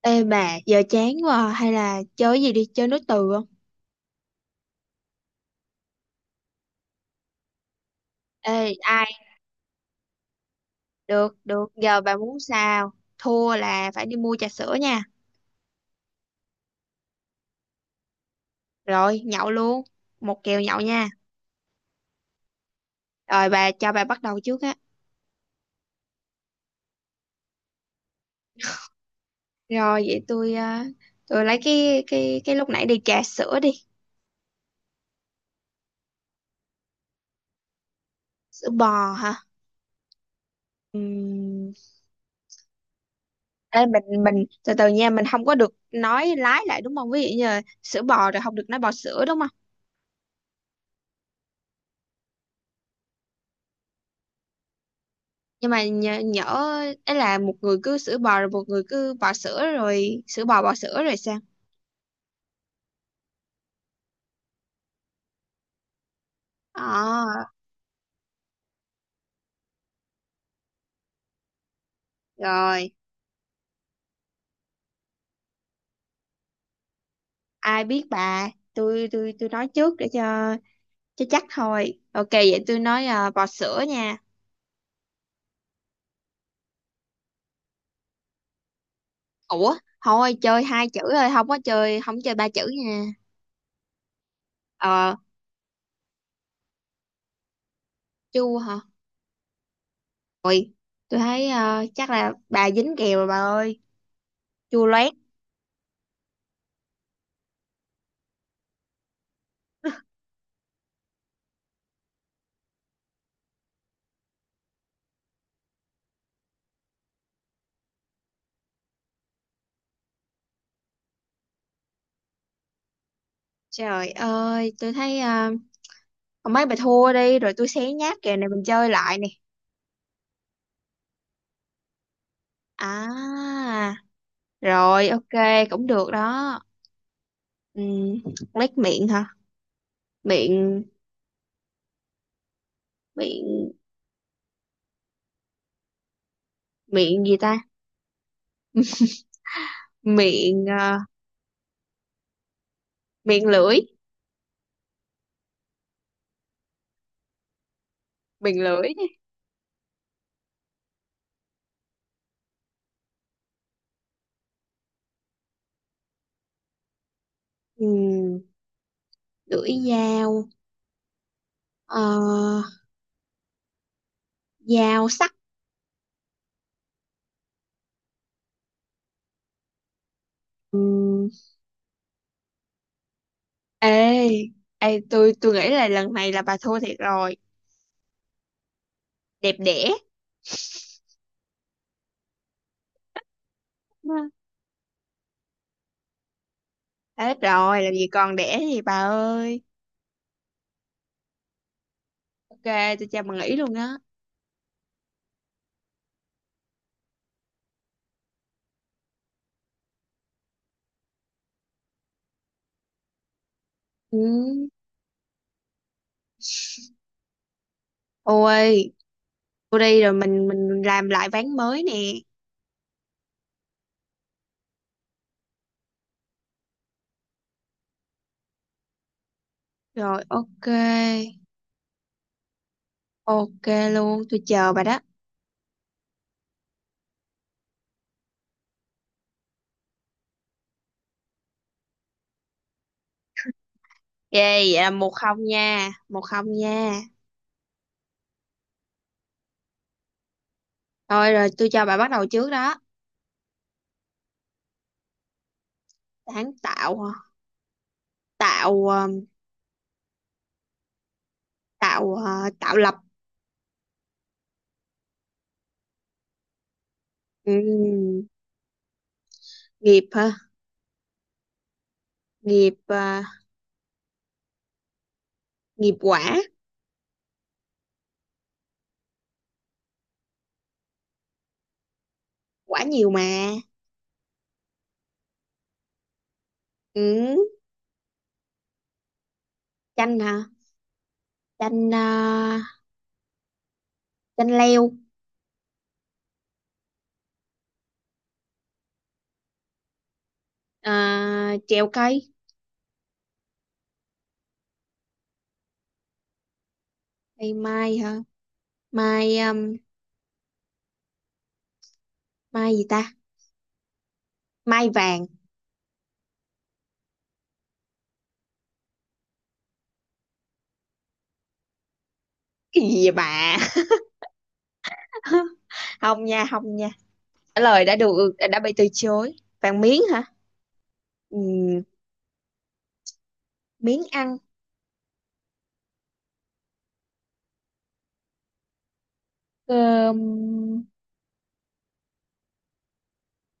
Ê bà, giờ chán quá à. Hay là chơi cái gì đi, chơi nối từ không? Ê, ai? Được, được, giờ bà muốn sao? Thua là phải đi mua trà sữa nha. Rồi, nhậu luôn. Một kèo nhậu nha. Rồi bà cho bà bắt đầu trước á. Rồi vậy tôi tôi lấy cái lúc nãy đi trà sữa đi. Sữa bò hả? Ừm. Ê, mình từ từ nha, mình không có được nói lái lại đúng không? Ví dụ như là sữa bò rồi không được nói bò sữa đúng không? Nhưng mà nhỡ ấy là một người cứ sữa bò rồi một người cứ bò sữa rồi sữa bò bò sữa rồi sao? ờ Rồi, ai biết bà. Tôi nói trước để cho chắc thôi. Ok, vậy tôi nói à, bò sữa nha. Ủa, thôi chơi hai chữ thôi, không chơi ba chữ nha. ờ Chu hả? Ôi, tôi thấy chắc là bà dính kèo rồi bà ơi. Chua loét. Trời ơi, tôi thấy mấy bà thua đi rồi tôi xé nhát kèo này mình chơi lại nè. À, rồi ok cũng được đó. Ừm, lách miệng hả? Miệng. Miệng. Miệng gì ta? Miệng miệng lưỡi, miệng lưỡi đi. Ừm, lưỡi dao, ờ, dao sắc. Ừm. Ê, ê tôi nghĩ là lần này là bà thua thiệt rồi. Đẹp đẽ. Hết rồi, làm gì còn đẻ gì bà ơi. Ok, tôi cho bà nghỉ luôn đó. Ừ. Ôi, tôi đi rồi. Mình làm lại ván mới nè. Rồi ok. Ok luôn, tôi chờ bà đó. Ghê, vậy là 1-0 nha, 1-0 nha. Thôi rồi tôi cho bà bắt đầu trước đó. Sáng tạo hả? Tạo tạo tạo lập. Ừm, nghiệp hả? Nghiệp nghiệp quả, quả nhiều mà. Ừ, chanh hả? Chanh chanh leo. Ờ, trèo cây, cây mai hả? Mai mai gì ta? Mai vàng. Cái gì vậy bà? Không nha, không nha. Trả lời đã được đã bị từ chối. Vàng miếng hả? Ừm, miếng ăn. Cơm.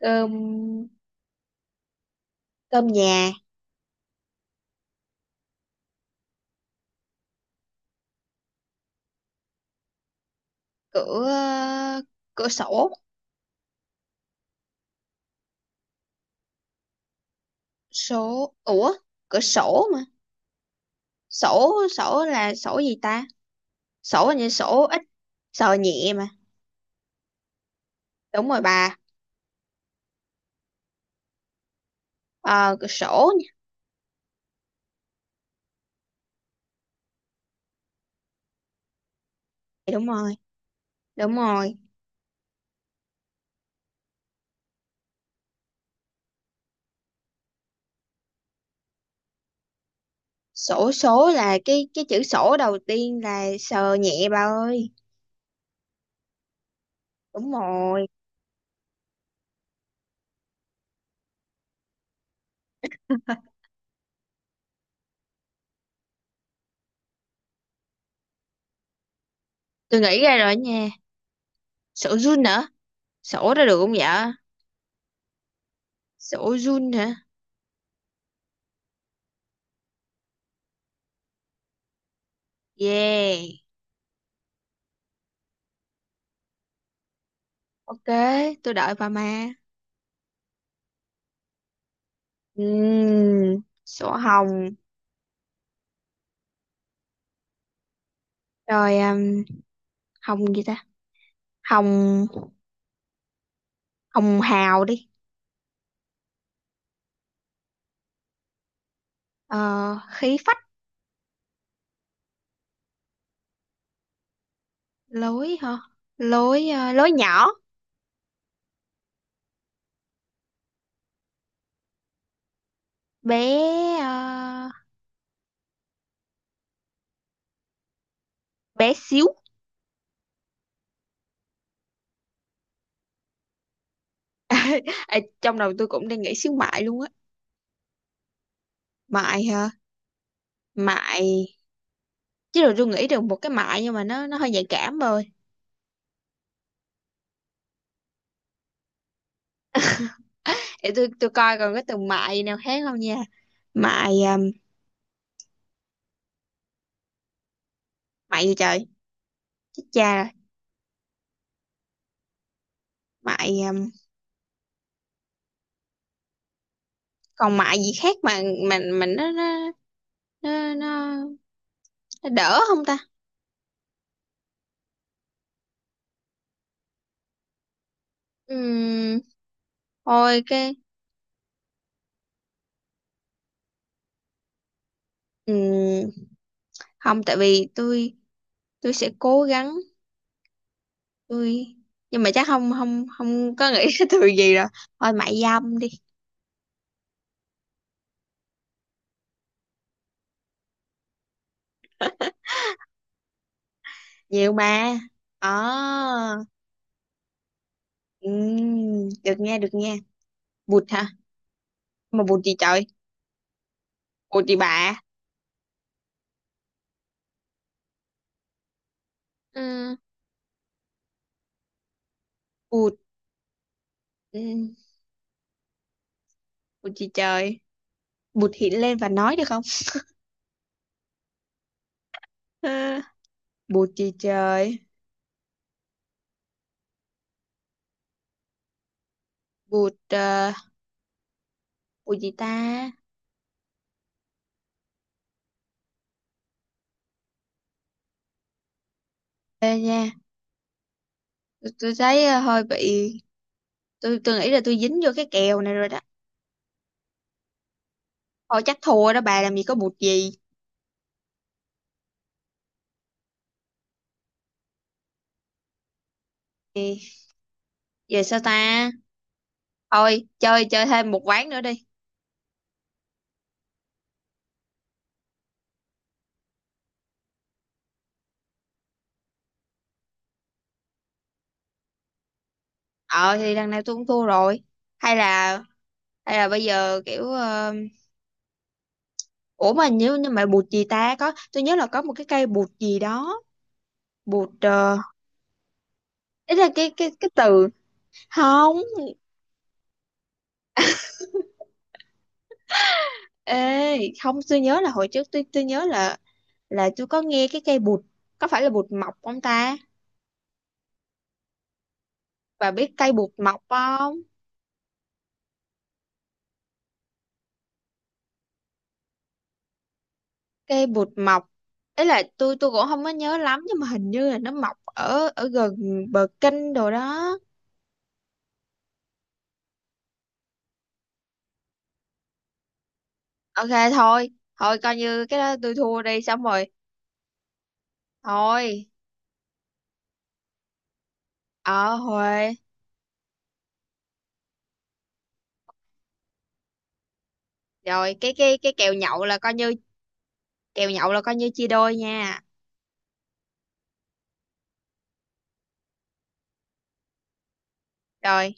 Cơm. Cơm nhà. Cửa. Cửa sổ. Số. Ủa, cửa sổ mà. Sổ. Sổ là sổ gì ta? Sổ là như sổ ít, sờ nhẹ mà. Đúng rồi bà. Ờ, cửa sổ nha. Đúng rồi. Đúng rồi. Sổ số là cái chữ sổ đầu tiên là sờ nhẹ bà ơi. Đúng rồi. Tôi nghĩ ra rồi nha. Sổ run nè. Sổ ra được không vậy? Sổ Jun hả? Yeah. Ok, tôi đợi bà ma. Sổ hồng. Rồi hồng gì ta? Hồng, hồng hào đi. Ờ, khí phách. Lối hả? Lối lối nhỏ. Bé ờ, bé xíu. Ê, trong đầu tôi cũng đang nghĩ xíu mại luôn á. Mại hả? Mại. Chứ rồi tôi nghĩ được một cái mại nhưng mà nó hơi nhạy cảm rồi. Để tôi coi còn cái từ mại nào khác không nha. Mại um, mại gì trời, chết cha rồi. Mại còn mại gì khác mà mình nó nó, nó đỡ không ta? Ừm, thôi cái ừm, không, tại vì tôi sẽ cố gắng tôi nhưng mà chắc không không không có nghĩ cái từ gì rồi. Thôi, mại dâm đi. Nhiều mà. À, được nha, được nha. Bụt hả? Mà bụt gì trời? Bụt gì bà? Ừm, bụt ừm, bụt gì trời? Bụt hiện lên và nói được không? Ờ, bụt gì trời? Bụt bụt gì ta? Ê nha, tôi thấy hơi bị. Tôi nghĩ là tôi dính vô cái kèo này rồi đó. Thôi chắc thua đó bà, làm gì có bụt gì. Ê, giờ sao ta? Thôi chơi chơi thêm một ván nữa đi. Ờ thì đằng này tôi cũng thua rồi. Hay là hay là bây giờ kiểu ủa mà nếu như mà bụt gì ta, có tôi nhớ là có một cái cây bụt gì đó. Bụt ý là cái từ. Không. Ê, không, tôi nhớ là hồi trước tôi nhớ là tôi có nghe cái cây bụt, có phải là bụt mọc không ta? Bà biết cây bụt mọc không? Cây bụt mọc. Ấy là tôi cũng không có nhớ lắm nhưng mà hình như là nó mọc ở ở gần bờ kênh đồ đó. Ok thôi, thôi coi như cái đó tôi thua đi xong rồi. Thôi, ờ Huệ. Rồi cái kèo nhậu là coi như chia đôi nha. Rồi,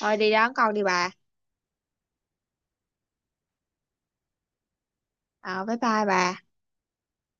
thôi đi đón con đi bà. Ờ bye bye bà.